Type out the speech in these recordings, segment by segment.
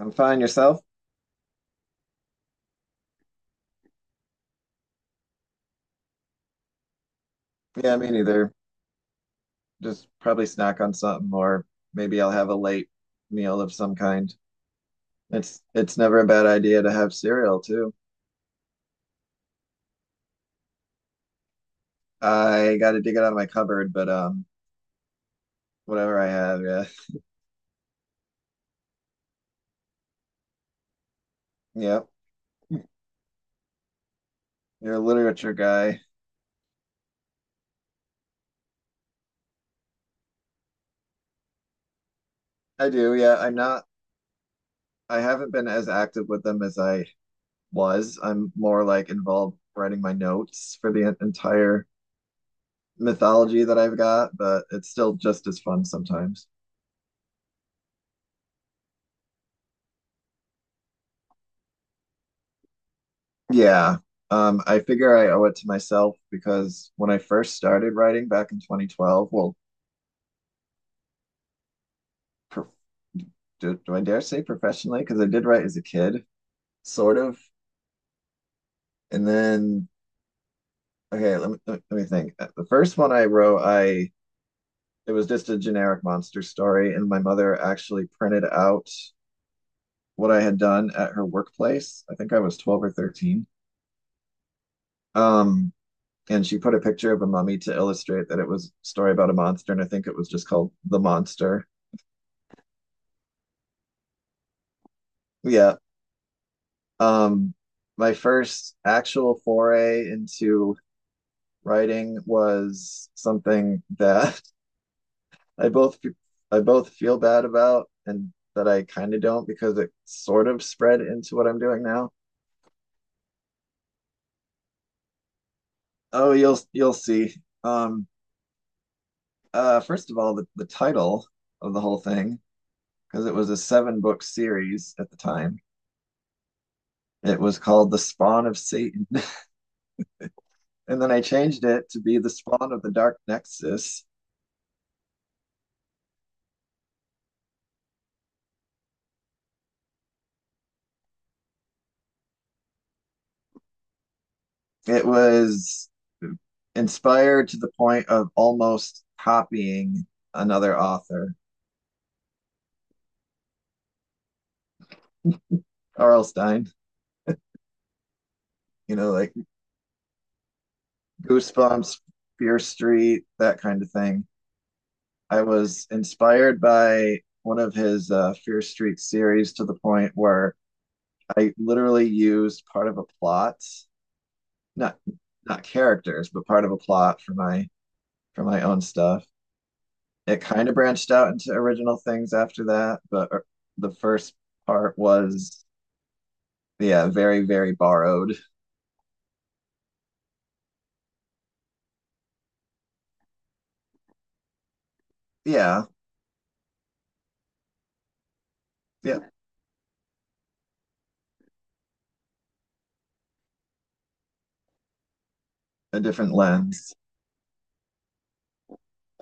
I'm fine. Yourself? Yeah, me neither. Just probably snack on something, or maybe I'll have a late meal of some kind. It's never a bad idea to have cereal too. I got to dig it out of my cupboard, but whatever I have, yeah, yep. You're a literature guy. I do, yeah. I'm not. I haven't been as active with them as I was. I'm more like involved writing my notes for the entire mythology that I've got, but it's still just as fun sometimes. Yeah. I figure I owe it to myself because when I first started writing back in 2012, well, pro do I dare say professionally? Because I did write as a kid, sort of. And then, okay, let me think. The first one I wrote, I it was just a generic monster story, and my mother actually printed out what I had done at her workplace. I think I was 12 or 13. Um, and she put a picture of a mummy to illustrate that it was a story about a monster, and I think it was just called The Monster. Yeah. Um, my first actual foray into writing was something that I both I both feel bad about and that I kind of don't because it sort of spread into what I'm doing now. Oh, you'll see. Um, First of all, the title of the whole thing, because it was a seven book series at the time. It was called The Spawn of Satan. And then I changed it to be The Spawn of the Dark Nexus. It was inspired to the point of almost copying another author, Arlstein, like Goosebumps, Fear Street, that kind of thing. I was inspired by one of his Fear Street series to the point where I literally used part of a plot, not not characters, but part of a plot for my own stuff. It kind of branched out into original things after that, but the first part was yeah, very, very borrowed. Yeah, yeah, a different lens.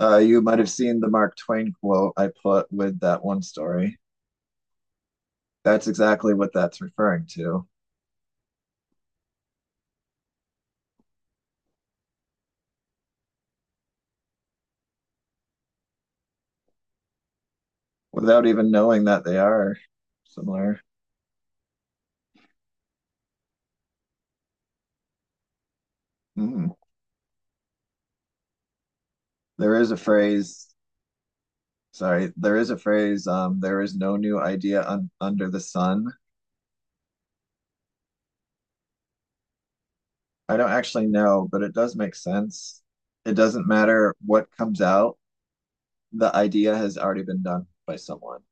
You might have seen the Mark Twain quote I put with that one story. That's exactly what that's referring to, without even knowing that they are similar. Mm. There is a phrase, there is a phrase, there is no new idea un under the sun. I don't actually know, but it does make sense. It doesn't matter what comes out, the idea has already been done by someone.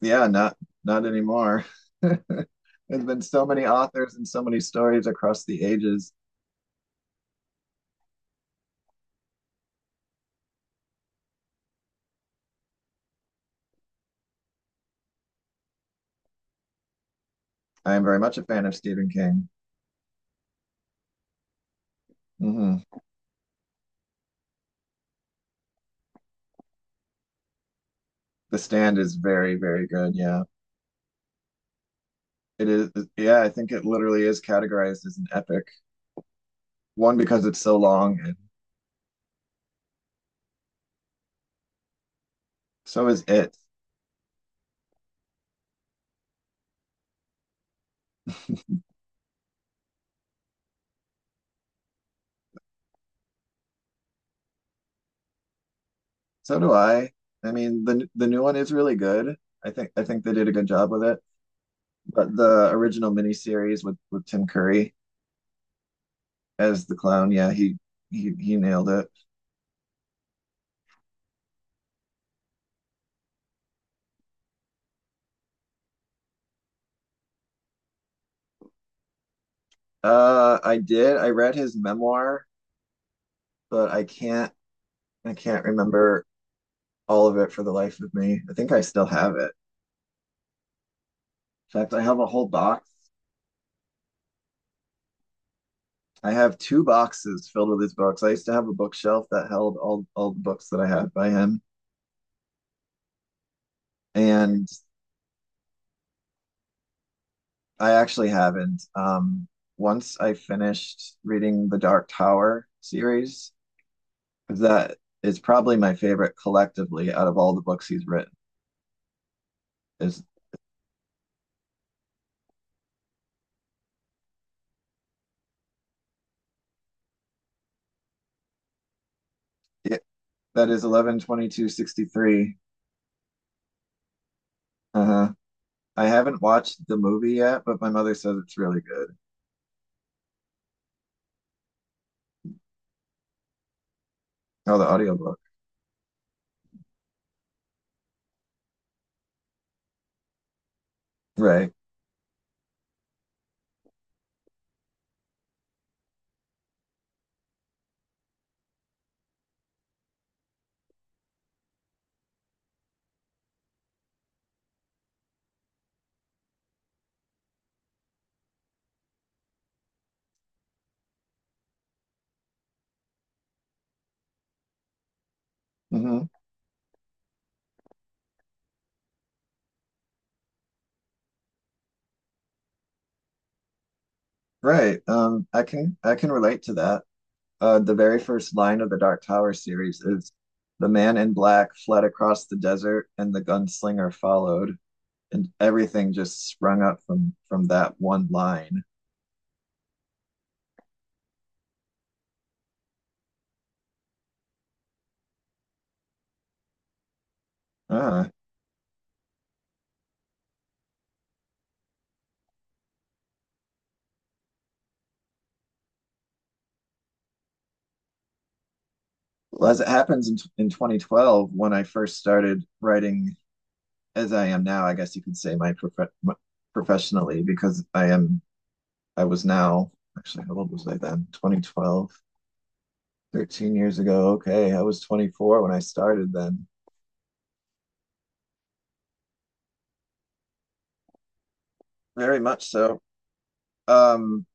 Yeah, not anymore. There's been so many authors and so many stories across the ages. I am very much a fan of Stephen King. Hmm. The Stand is very, very good. Yeah, it is. Yeah, I think it literally is categorized as an epic. One because it's so long, and so is it. So do I. I mean, the new one is really good. I think they did a good job with it. But the original miniseries with Tim Curry as the clown, yeah, he nailed it. I did. I read his memoir, but I can't remember all of it for the life of me. I think I still have it. In fact, I have a whole box. I have two boxes filled with his books. I used to have a bookshelf that held all the books that I had by him, and I actually haven't. Once I finished reading the Dark Tower series, that is probably my favorite collectively out of all the books he's written. Is it That is 22/63. Uh-huh. I haven't watched the movie yet, but my mother says it's really good. Oh, the audiobook. Right. Hmm. Right. I can relate to that. The very first line of the Dark Tower series is the man in black fled across the desert and the gunslinger followed, and everything just sprung up from that one line. Uh, well, as it happens in 2012, when I first started writing as I am now, I guess you could say my- professionally, because I was now. Actually, how old was I then? 2012, 13 years ago. Okay. I was 24 when I started then. Very much so. Um,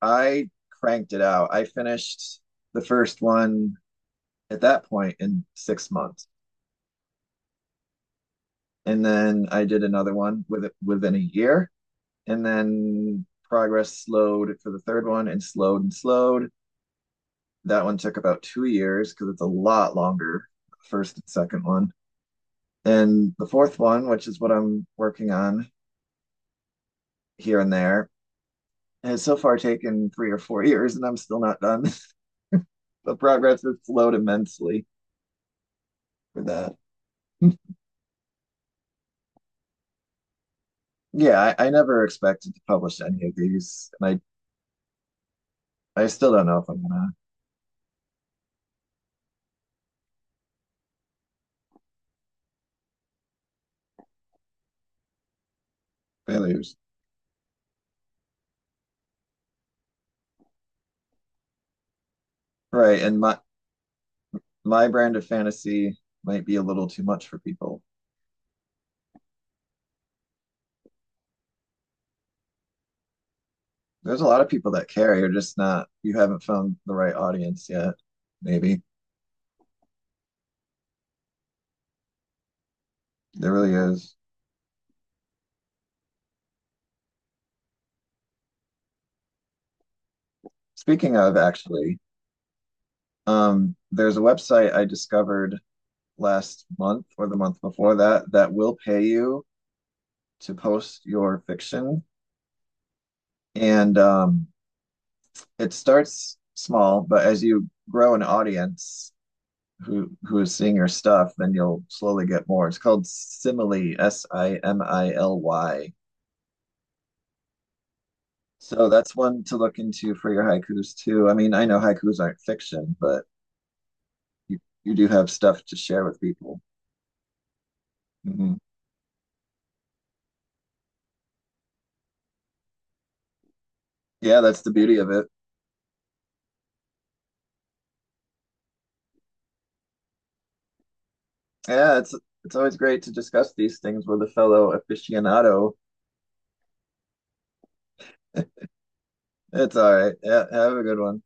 I cranked it out. I finished the first one at that point in 6 months. And then I did another one within a year. And then progress slowed for the third one and slowed and slowed. That one took about 2 years because it's a lot longer, first and second one. And the fourth one, which is what I'm working on here and there, has so far taken 3 or 4 years, and I'm still not done. The progress has slowed immensely for that. Yeah, I never expected to publish any of these, and I still don't know if I'm gonna. Failures. Right, and my brand of fantasy might be a little too much for people. There's a lot of people that care. You're just not. You haven't found the right audience yet. Maybe there really is. Speaking of, actually, there's a website I discovered last month or the month before that that will pay you to post your fiction. And it starts small, but as you grow an audience who is seeing your stuff, then you'll slowly get more. It's called Simile, Simily. So that's one to look into for your haikus too. I mean, I know haikus aren't fiction, but you do have stuff to share with people. Hmm. Yeah, that's the beauty of it. Yeah, it's always great to discuss these things with a fellow aficionado. It's all right. Yeah, have a good one.